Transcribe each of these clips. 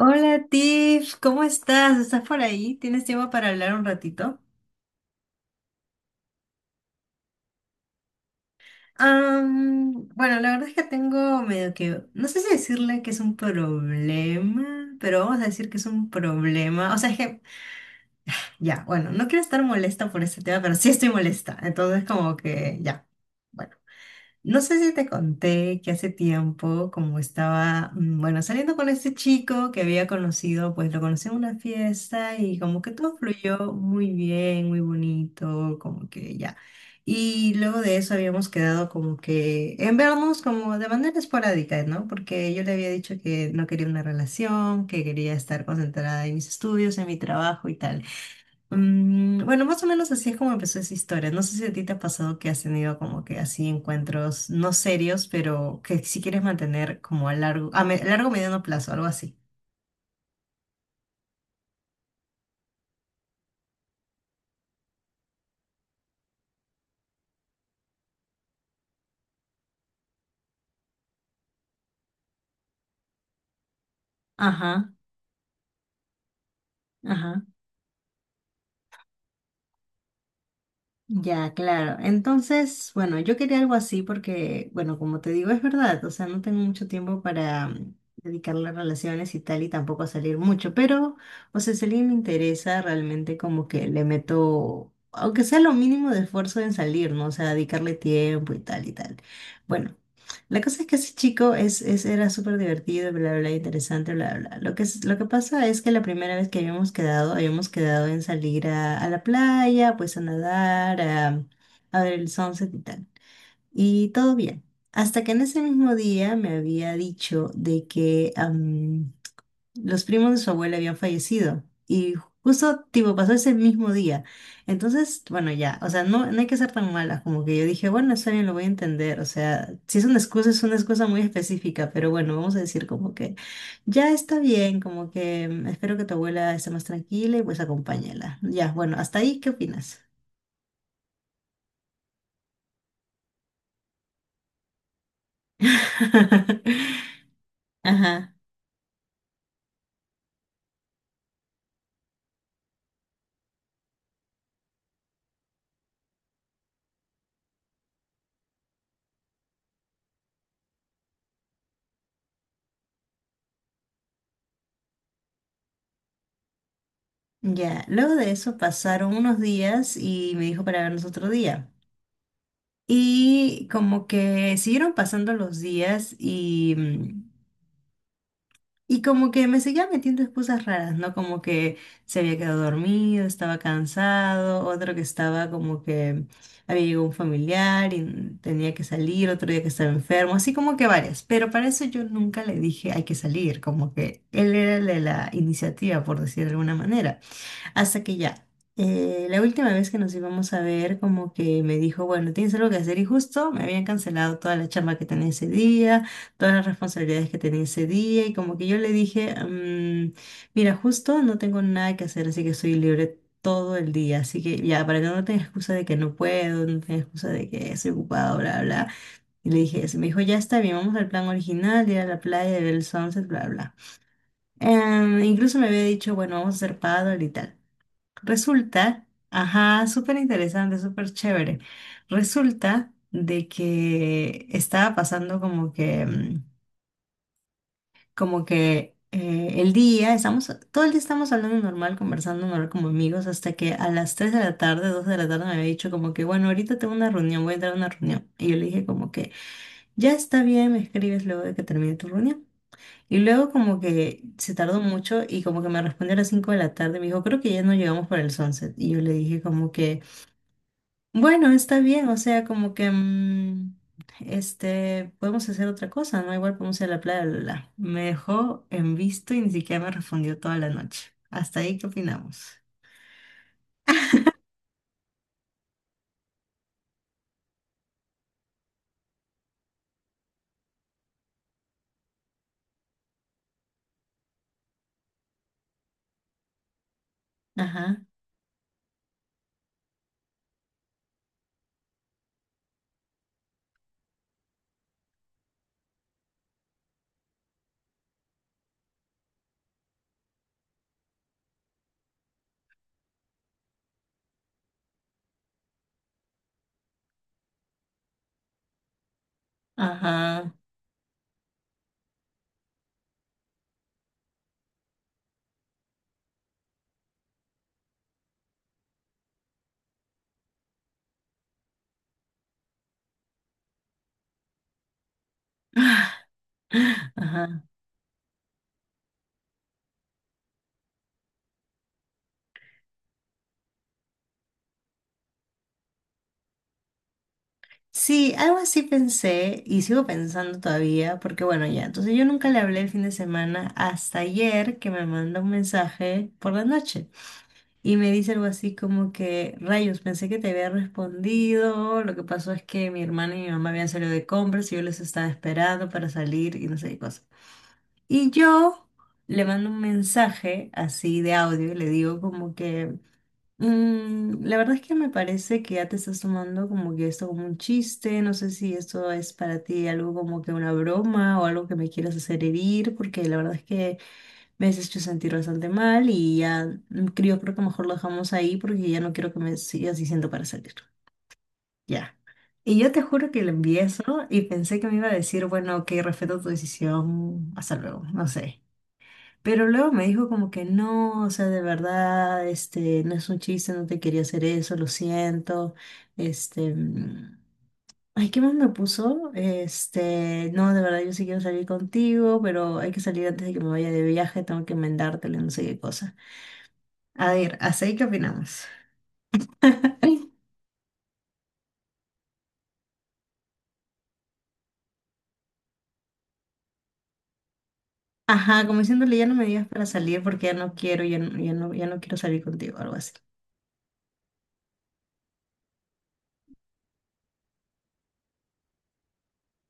Hola Tiff, ¿cómo estás? ¿Estás por ahí? ¿Tienes tiempo para hablar un ratito? Bueno, la verdad es que tengo medio que, no sé si decirle que es un problema, pero vamos a decir que es un problema. O sea, es que, ya, bueno, no quiero estar molesta por este tema, pero sí estoy molesta. Entonces, como que, ya. Bueno. No sé si te conté que hace tiempo, como estaba, bueno, saliendo con este chico que había conocido, pues lo conocí en una fiesta y como que todo fluyó muy bien, muy bonito, como que ya. Y luego de eso habíamos quedado como que en vernos como de manera esporádica, ¿no? Porque yo le había dicho que no quería una relación, que quería estar concentrada en mis estudios, en mi trabajo y tal. Bueno, más o menos así es como empezó esa historia. No sé si a ti te ha pasado que has tenido como que así encuentros no serios, pero que si quieres mantener como a largo, a, a largo mediano plazo, algo así. Ajá, ajá. Ya, claro. Entonces, bueno, yo quería algo así porque, bueno, como te digo, es verdad, o sea, no tengo mucho tiempo para dedicarle a relaciones y tal y tampoco a salir mucho, pero, o sea, si alguien me interesa, realmente como que le meto, aunque sea lo mínimo de esfuerzo en salir, ¿no? O sea, dedicarle tiempo y tal y tal. Bueno. La cosa es que ese chico era súper divertido, bla, bla, bla, interesante, bla, bla. Lo que, lo que pasa es que la primera vez que habíamos quedado en salir a la playa, pues a nadar, a ver el sunset y tal. Y todo bien. Hasta que en ese mismo día me había dicho de que los primos de su abuela habían fallecido y justo tipo pasó ese mismo día. Entonces, bueno, ya, o sea, no, no hay que ser tan malas, como que yo dije, bueno, está bien, lo voy a entender, o sea, si es una excusa, es una excusa muy específica, pero bueno, vamos a decir como que ya está bien, como que espero que tu abuela esté más tranquila y pues acompáñala. Ya, bueno, hasta ahí, ¿qué opinas? Ajá. Ya, luego de eso pasaron unos días y me dijo para vernos otro día. Y como que siguieron pasando los días y y como que me seguía metiendo excusas raras, ¿no? Como que se había quedado dormido, estaba cansado, otro que estaba como que había llegado un familiar y tenía que salir, otro día que estaba enfermo, así como que varias. Pero para eso yo nunca le dije hay que salir, como que él era el de la iniciativa, por decir de alguna manera. Hasta que ya, la última vez que nos íbamos a ver, como que me dijo, bueno, tienes algo que hacer y justo me habían cancelado toda la chamba que tenía ese día, todas las responsabilidades que tenía ese día y como que yo le dije, mira, justo no tengo nada que hacer, así que estoy libre todo el día, así que ya, para que no tengas excusa de que no puedo, no tengas excusa de que estoy ocupado, bla, bla. Y le dije eso, me dijo, ya está bien, vamos al plan original, ir a la playa, ver el sunset, bla, bla. Incluso me había dicho, bueno, vamos a hacer paddle y tal. Resulta, ajá, súper interesante, súper chévere. Resulta de que estaba pasando como que, como que el día, estamos, todo el día estamos hablando normal, conversando normal como amigos, hasta que a las tres de la tarde, 2 de la tarde me había dicho como que, bueno, ahorita tengo una reunión, voy a entrar a una reunión. Y yo le dije como que, ya está bien, me escribes luego de que termine tu reunión. Y luego como que se tardó mucho y como que me respondió a las 5 de la tarde, me dijo, creo que ya no llegamos para el sunset. Y yo le dije como que... Bueno, está bien, o sea, como que este, podemos hacer otra cosa, ¿no? Igual podemos ir a la playa, bla, bla, bla. Me dejó en visto y ni siquiera me respondió toda la noche. Hasta ahí, ¿qué opinamos? Ajá, ajá, ajá. Sí, algo así pensé y sigo pensando todavía, porque bueno, ya, entonces yo nunca le hablé el fin de semana hasta ayer que me mandó un mensaje por la noche. Y me dice algo así como que, rayos, pensé que te había respondido. Lo que pasó es que mi hermana y mi mamá habían salido de compras y yo les estaba esperando para salir y no sé qué cosa. Y yo le mando un mensaje así de audio y le digo como que, la verdad es que me parece que ya te estás tomando como que esto como un chiste. No sé si esto es para ti algo como que una broma o algo que me quieras hacer herir, porque la verdad es que me veces hecho sentir bastante mal y ya creo que mejor lo dejamos ahí porque ya no quiero que me sigas diciendo para salir. Ya. Y yo te juro que le envié eso y pensé que me iba a decir, bueno, ok, respeto tu decisión, hasta luego, no sé. Pero luego me dijo como que no, o sea, de verdad, este, no es un chiste, no te quería hacer eso, lo siento. Este, ay, ¿qué más me puso? Este, no, de verdad, yo sí quiero salir contigo, pero hay que salir antes de que me vaya de viaje, tengo que enmendártelo, no sé qué cosa. A ver, ¿hasta ahí qué opinamos? Ajá, como diciéndole, ya no me digas para salir porque ya no quiero, ya no, ya no, ya no quiero salir contigo, algo así.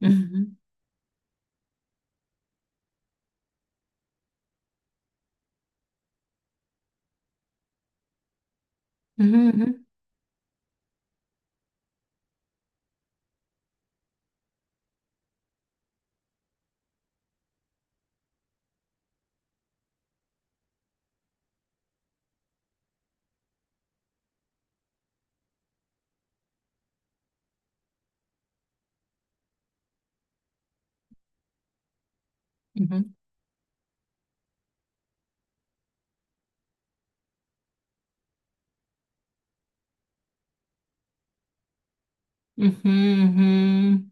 Ujú, ujú, ujú, ujú, ujú, ujú,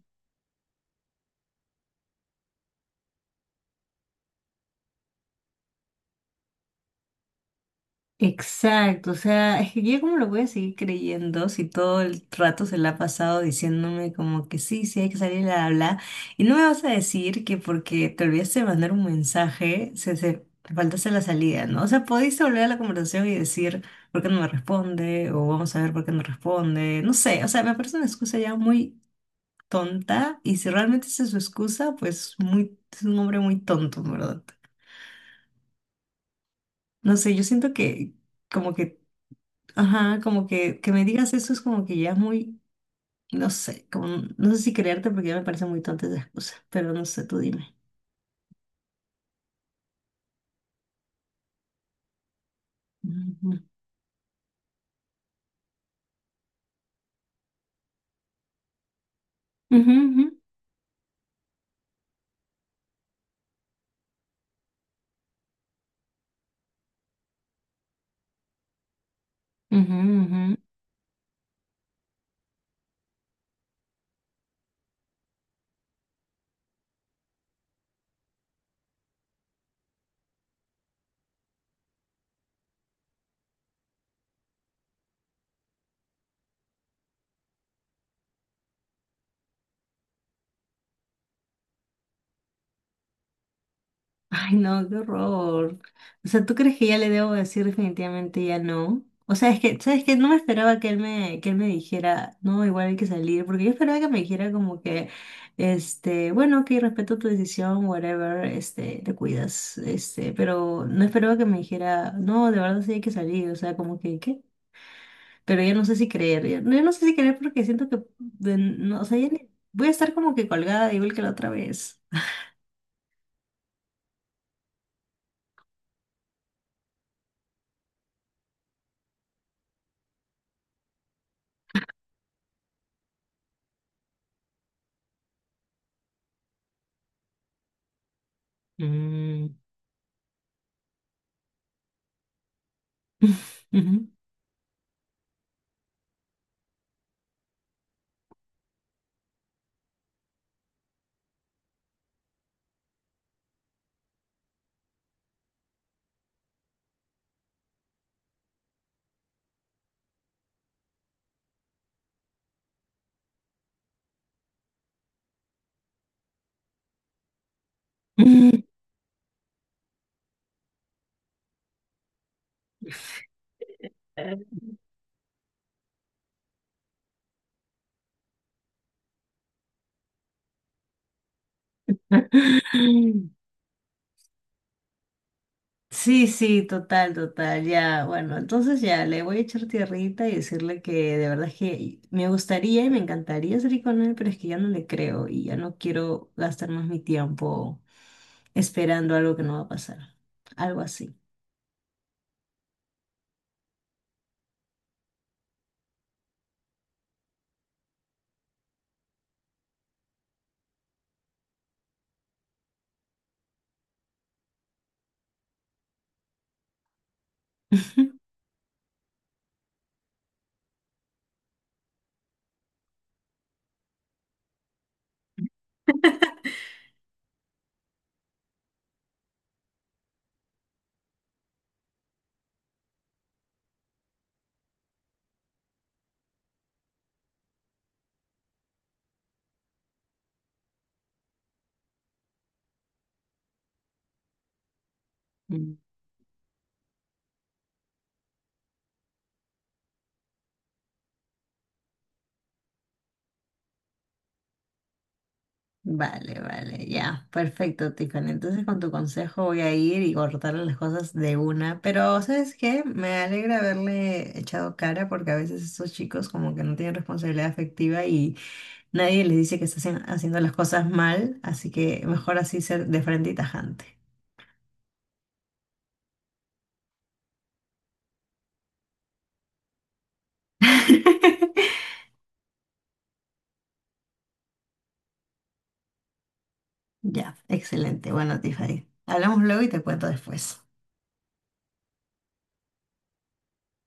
exacto, o sea, es que yo cómo lo voy a seguir creyendo si todo el rato se la ha pasado diciéndome como que sí, sí hay que salir a hablar y no me vas a decir que porque te olvidaste de mandar un mensaje, se te faltaste la salida, ¿no? O sea, podéis volver a la conversación y decir por qué no me responde o vamos a ver por qué no responde, no sé, o sea, me parece una excusa ya muy tonta y si realmente esa es su excusa, pues muy, es un hombre muy tonto, en ¿verdad? No sé, yo siento que como que ajá, como que me digas eso es como que ya es muy, no sé, como, no sé si creerte porque ya me parecen muy tontas esas cosas, pero no sé, tú dime. Ujú, ujú, ujú, ujú, ujú. Ay, no, qué horror. O sea, ¿tú crees que ya le debo decir definitivamente ya no? O sea, es que, ¿sabes qué? No me esperaba que él me dijera, no, igual hay que salir, porque yo esperaba que me dijera como que, este, bueno, ok, respeto tu decisión, whatever, este, te cuidas, este, pero no esperaba que me dijera, no, de verdad sí hay que salir, o sea, como que, ¿qué? Pero ya no sé si creer, ya, ya no sé si creer porque siento que, no, o sea, ya voy a estar como que colgada igual que la otra vez. Mm. Ujú. Sí, sí, total, total, ya, bueno, entonces ya le voy a echar tierrita y decirle que de verdad es que me gustaría y me encantaría salir con él, pero es que ya no le creo y ya no quiero gastar más mi tiempo esperando algo que no va a pasar, algo así. Vale, vale, ya, perfecto, Tiffany. Entonces con tu consejo voy a ir y cortarle las cosas de una, pero ¿sabes qué? Me alegra haberle echado cara porque a veces estos chicos como que no tienen responsabilidad afectiva y nadie les dice que están haciendo las cosas mal, así que mejor así ser de frente y tajante. Ya, excelente. Bueno, Tiffany, hablamos luego y te cuento después.